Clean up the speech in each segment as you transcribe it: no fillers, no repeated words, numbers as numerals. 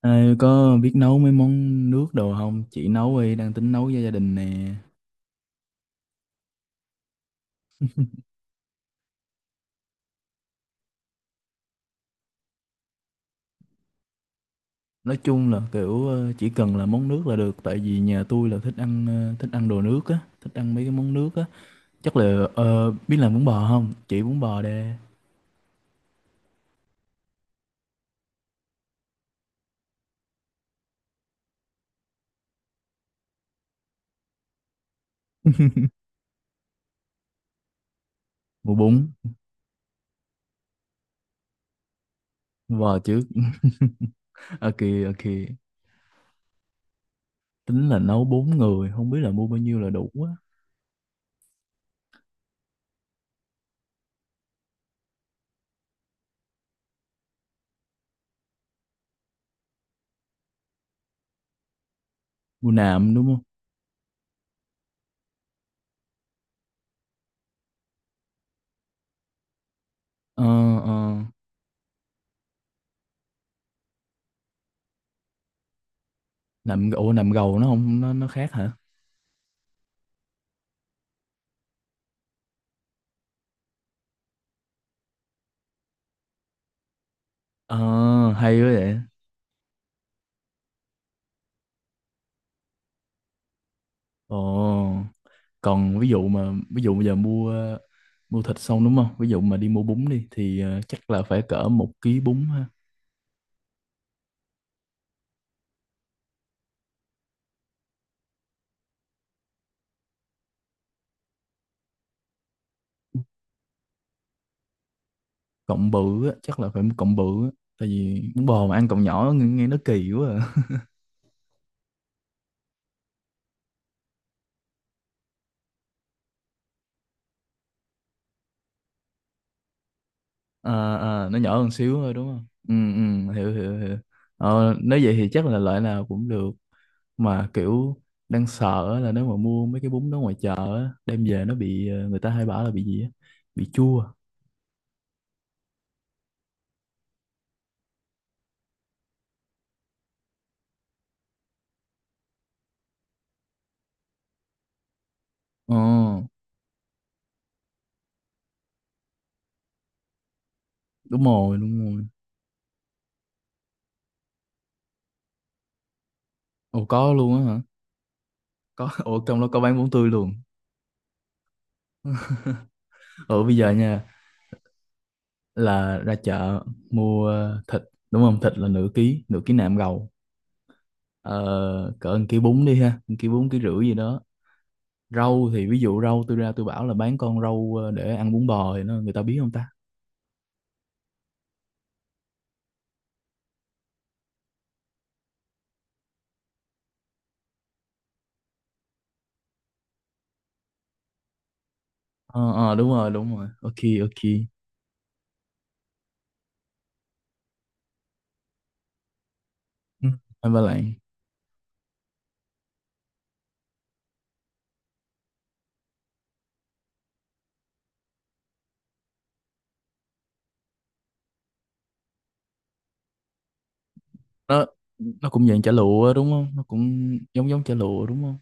Ai có biết nấu mấy món nước đồ không? Chị nấu đi, đang tính nấu cho gia đình nè. Nói chung là kiểu chỉ cần là món nước là được, tại vì nhà tôi là thích ăn thích ăn đồ nước á, thích ăn mấy cái món nước á. Chắc là biết làm bún bò không? Chị bún bò đê. Mua bún, bò trước. Ok, ok. Tính là nấu bốn người, không biết là mua bao nhiêu là đủ á. Mua nạm đúng không? Ờ, ờ. Nạm, ủa, nạm gầu nó không, nó khác hả? Ờ, hay quá vậy. Ồ. Còn ví dụ mà ví dụ bây giờ mua mua thịt xong đúng không, ví dụ mà đi mua bún đi thì chắc là phải cỡ một ký bún ha. Cộng bự á, chắc là phải một cộng bự á. Tại vì bún bò mà ăn cộng nhỏ nghe, nghe nó kỳ quá à. Ờ, ờ, nó nhỏ hơn xíu thôi đúng không, ừ, ừ, hiểu hiểu hiểu. Ờ, nếu vậy thì chắc là loại nào cũng được, mà kiểu đang sợ á là nếu mà mua mấy cái bún đó ngoài chợ á, đem về nó bị người ta hay bảo là bị gì á, bị chua. Ờ, đúng rồi, đúng rồi. Ồ, có luôn á. Có. Ủa, trong đó có bán bún tươi luôn? Ở bây giờ nha. Là ra chợ mua thịt, đúng không? Thịt là nửa ký nạm gầu. Ờ, cỡ một ký bún đi ha, một ký bún ký rưỡi gì đó. Rau thì ví dụ rau, tôi ra tôi bảo là bán con rau để ăn bún bò thì nó người ta biết không ta? Ờ, ờ, đúng rồi, đúng rồi, ok, ok. Ừ. Anh ba lại. Nó nó cũng dạng chả lụa á, đúng không, nó cũng giống giống chả lụa đúng không?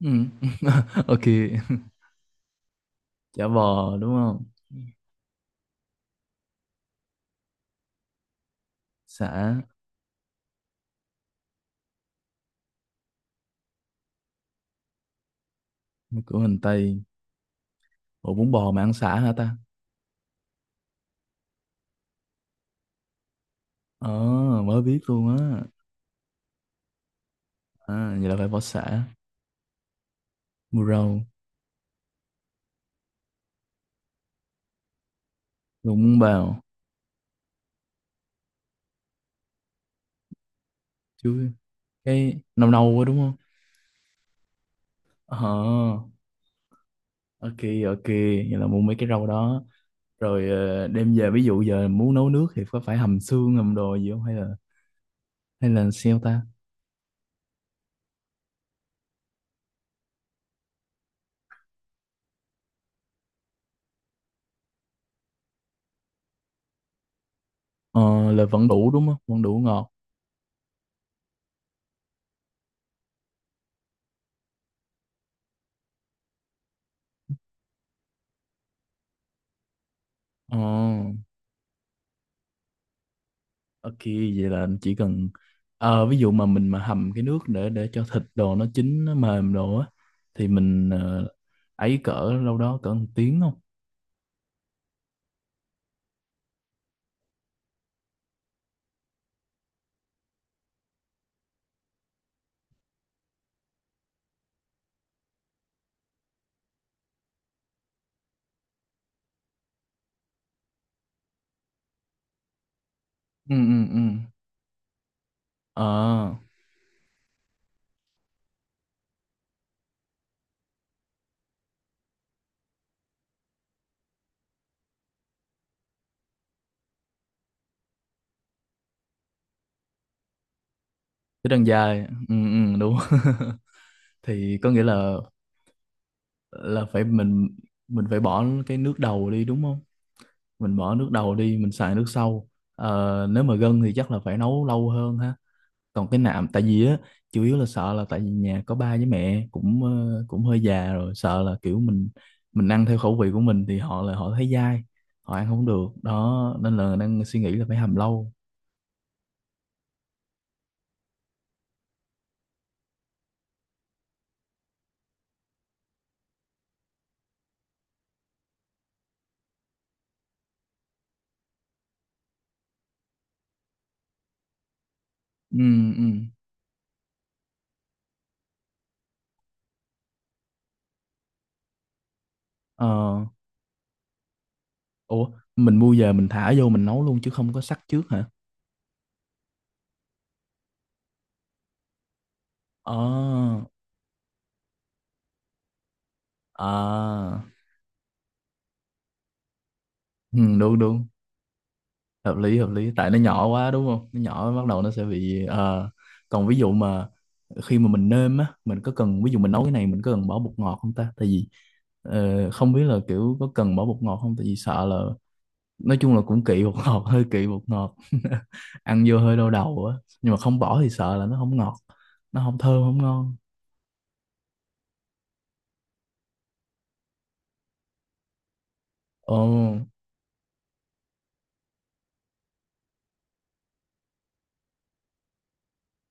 Ừ. Ok, chả bò đúng không? Sả. Của mình tây. Ủa, bún bò mà ăn sả hả ta? Ờ, mới biết luôn á. À, vậy là phải bỏ sả, mua rau, lụng bào, chuối, cái nâu nâu quá đúng không? Ờ, ok, ok. Vậy là mua mấy cái rau đó. Rồi đem về, ví dụ giờ muốn nấu nước thì có phải hầm xương, hầm đồ gì không? Hay là sao ta? Ờ, là vẫn đủ đúng không? Vẫn đủ ngọt. Ờ, ok. Vậy là chỉ cần. Ờ, ví dụ mà mình mà hầm cái nước để cho thịt đồ nó chín, nó mềm đồ á, thì mình ấy cỡ lâu đó, cỡ một tiếng không? Ừ, ừ, ừ. Ờ, cái đường dài. Ừ, ừ, đúng. Thì có nghĩa là phải mình phải bỏ cái nước đầu đi đúng không, mình bỏ nước đầu đi mình xài nước sau. Ờ, nếu mà gân thì chắc là phải nấu lâu hơn ha. Còn cái nạm tại vì á chủ yếu là sợ, là tại vì nhà có ba với mẹ cũng cũng hơi già rồi, sợ là kiểu mình ăn theo khẩu vị của mình thì họ thấy dai, họ ăn không được đó, nên là đang suy nghĩ là phải hầm lâu. Ừ, ừ, ờ. Ủa, mình mua về mình thả vô mình nấu luôn chứ không có sắc trước hả? Ờ, à, ừ, đúng đúng, hợp lý hợp lý. Tại nó nhỏ quá đúng không? Nó nhỏ bắt đầu nó sẽ bị. Ờ. Còn ví dụ mà khi mà mình nêm á, mình có cần, ví dụ mình nấu cái này mình có cần bỏ bột ngọt không ta? Tại vì không biết là kiểu có cần bỏ bột ngọt không? Tại vì sợ là, nói chung là cũng kỵ bột ngọt, hơi kỵ bột ngọt, ăn vô hơi đau đầu á. Nhưng mà không bỏ thì sợ là nó không ngọt, nó không thơm không ngon. Ồ,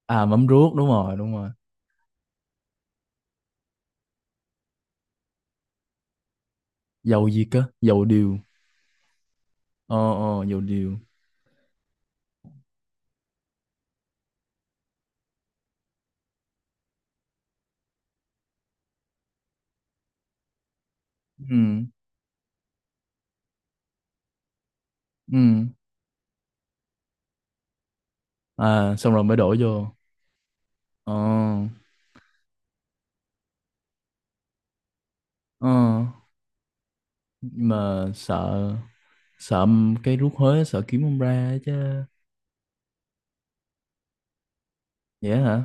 à mắm ruốc, đúng rồi đúng rồi. Dầu gì cơ? Dầu điều? Ờ, ờ, dầu điều. Ừ, ừ. À, xong rồi mới đổ vô. Ờ, ờ. Nhưng mà sợ sợ cái rút hối, sợ kiếm không ra ấy chứ. Vậy hả?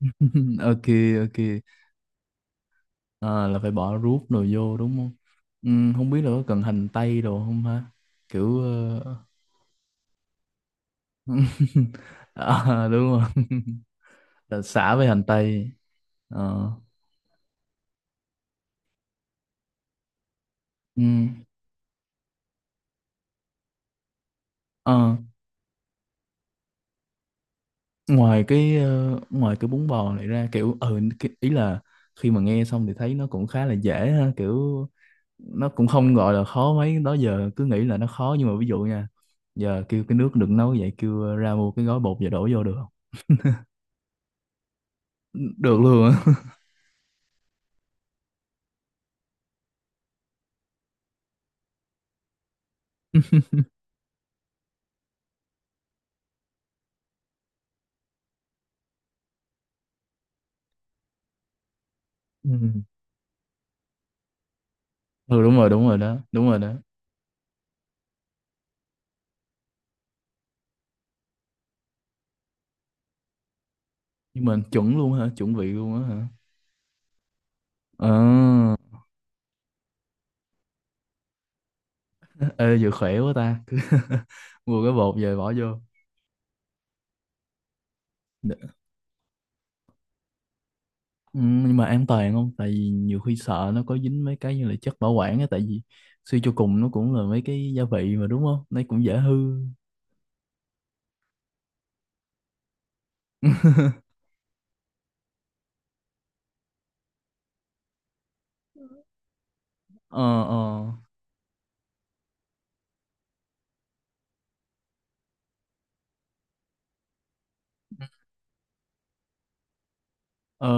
Ok, ok. À, là phải bỏ ruốc đồ vô đúng không? Ừ, không biết là có cần hành tây đồ không hả, kiểu à, đúng rồi. Là xả với hành tây. Ờ, ừ, ờ. Ngoài cái ngoài cái bún bò này ra kiểu cái, ý là khi mà nghe xong thì thấy nó cũng khá là dễ ha, kiểu nó cũng không gọi là khó mấy, đó giờ cứ nghĩ là nó khó, nhưng mà ví dụ nha, giờ kêu cái nước được nấu vậy kêu ra mua cái gói bột và đổ vô được không? Được luôn á? Ừ. Ừ, đúng rồi, đúng rồi đó, đúng rồi đó. Nhưng mà chuẩn luôn hả? Chuẩn vị luôn á hả? Ờ. Ê, giờ khỏe quá ta. Cứ mua cái bột về bỏ vô. Ừ, nhưng mà an toàn không, tại vì nhiều khi sợ nó có dính mấy cái như là chất bảo quản á, tại vì suy cho cùng nó cũng là mấy cái gia vị mà đúng không, nó cũng dễ hư. Ờ, ờ, ờ.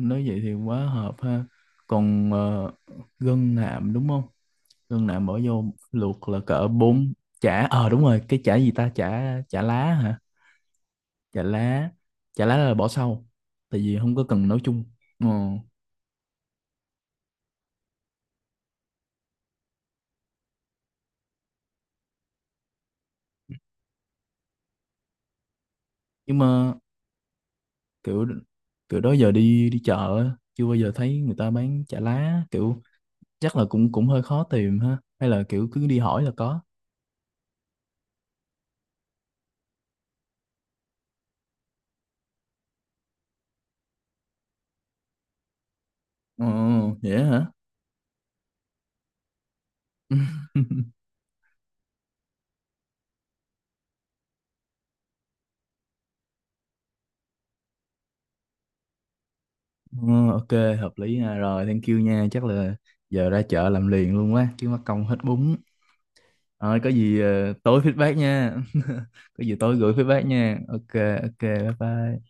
Nói vậy thì quá hợp ha. Còn gân nạm đúng không, gân nạm bỏ vô luộc là cỡ bốn. Chả, ờ đúng rồi, cái chả gì ta, chả chả lá hả? Chả lá. Chả lá là bỏ sau, tại vì không có cần nấu chung. Ờ, nhưng mà kiểu, kiểu đó giờ đi đi chợ á, chưa bao giờ thấy người ta bán chả lá kiểu, chắc là cũng cũng hơi khó tìm ha, hay là kiểu cứ đi hỏi là có. Ồ, vậy á hả? Ờ, ok, hợp lý nha. Rồi thank you nha, chắc là giờ ra chợ làm liền luôn quá, chứ mắc công hết bún. Rồi có gì tối feedback nha. Có gì tối gửi feedback nha. Ok. Ok, bye bye.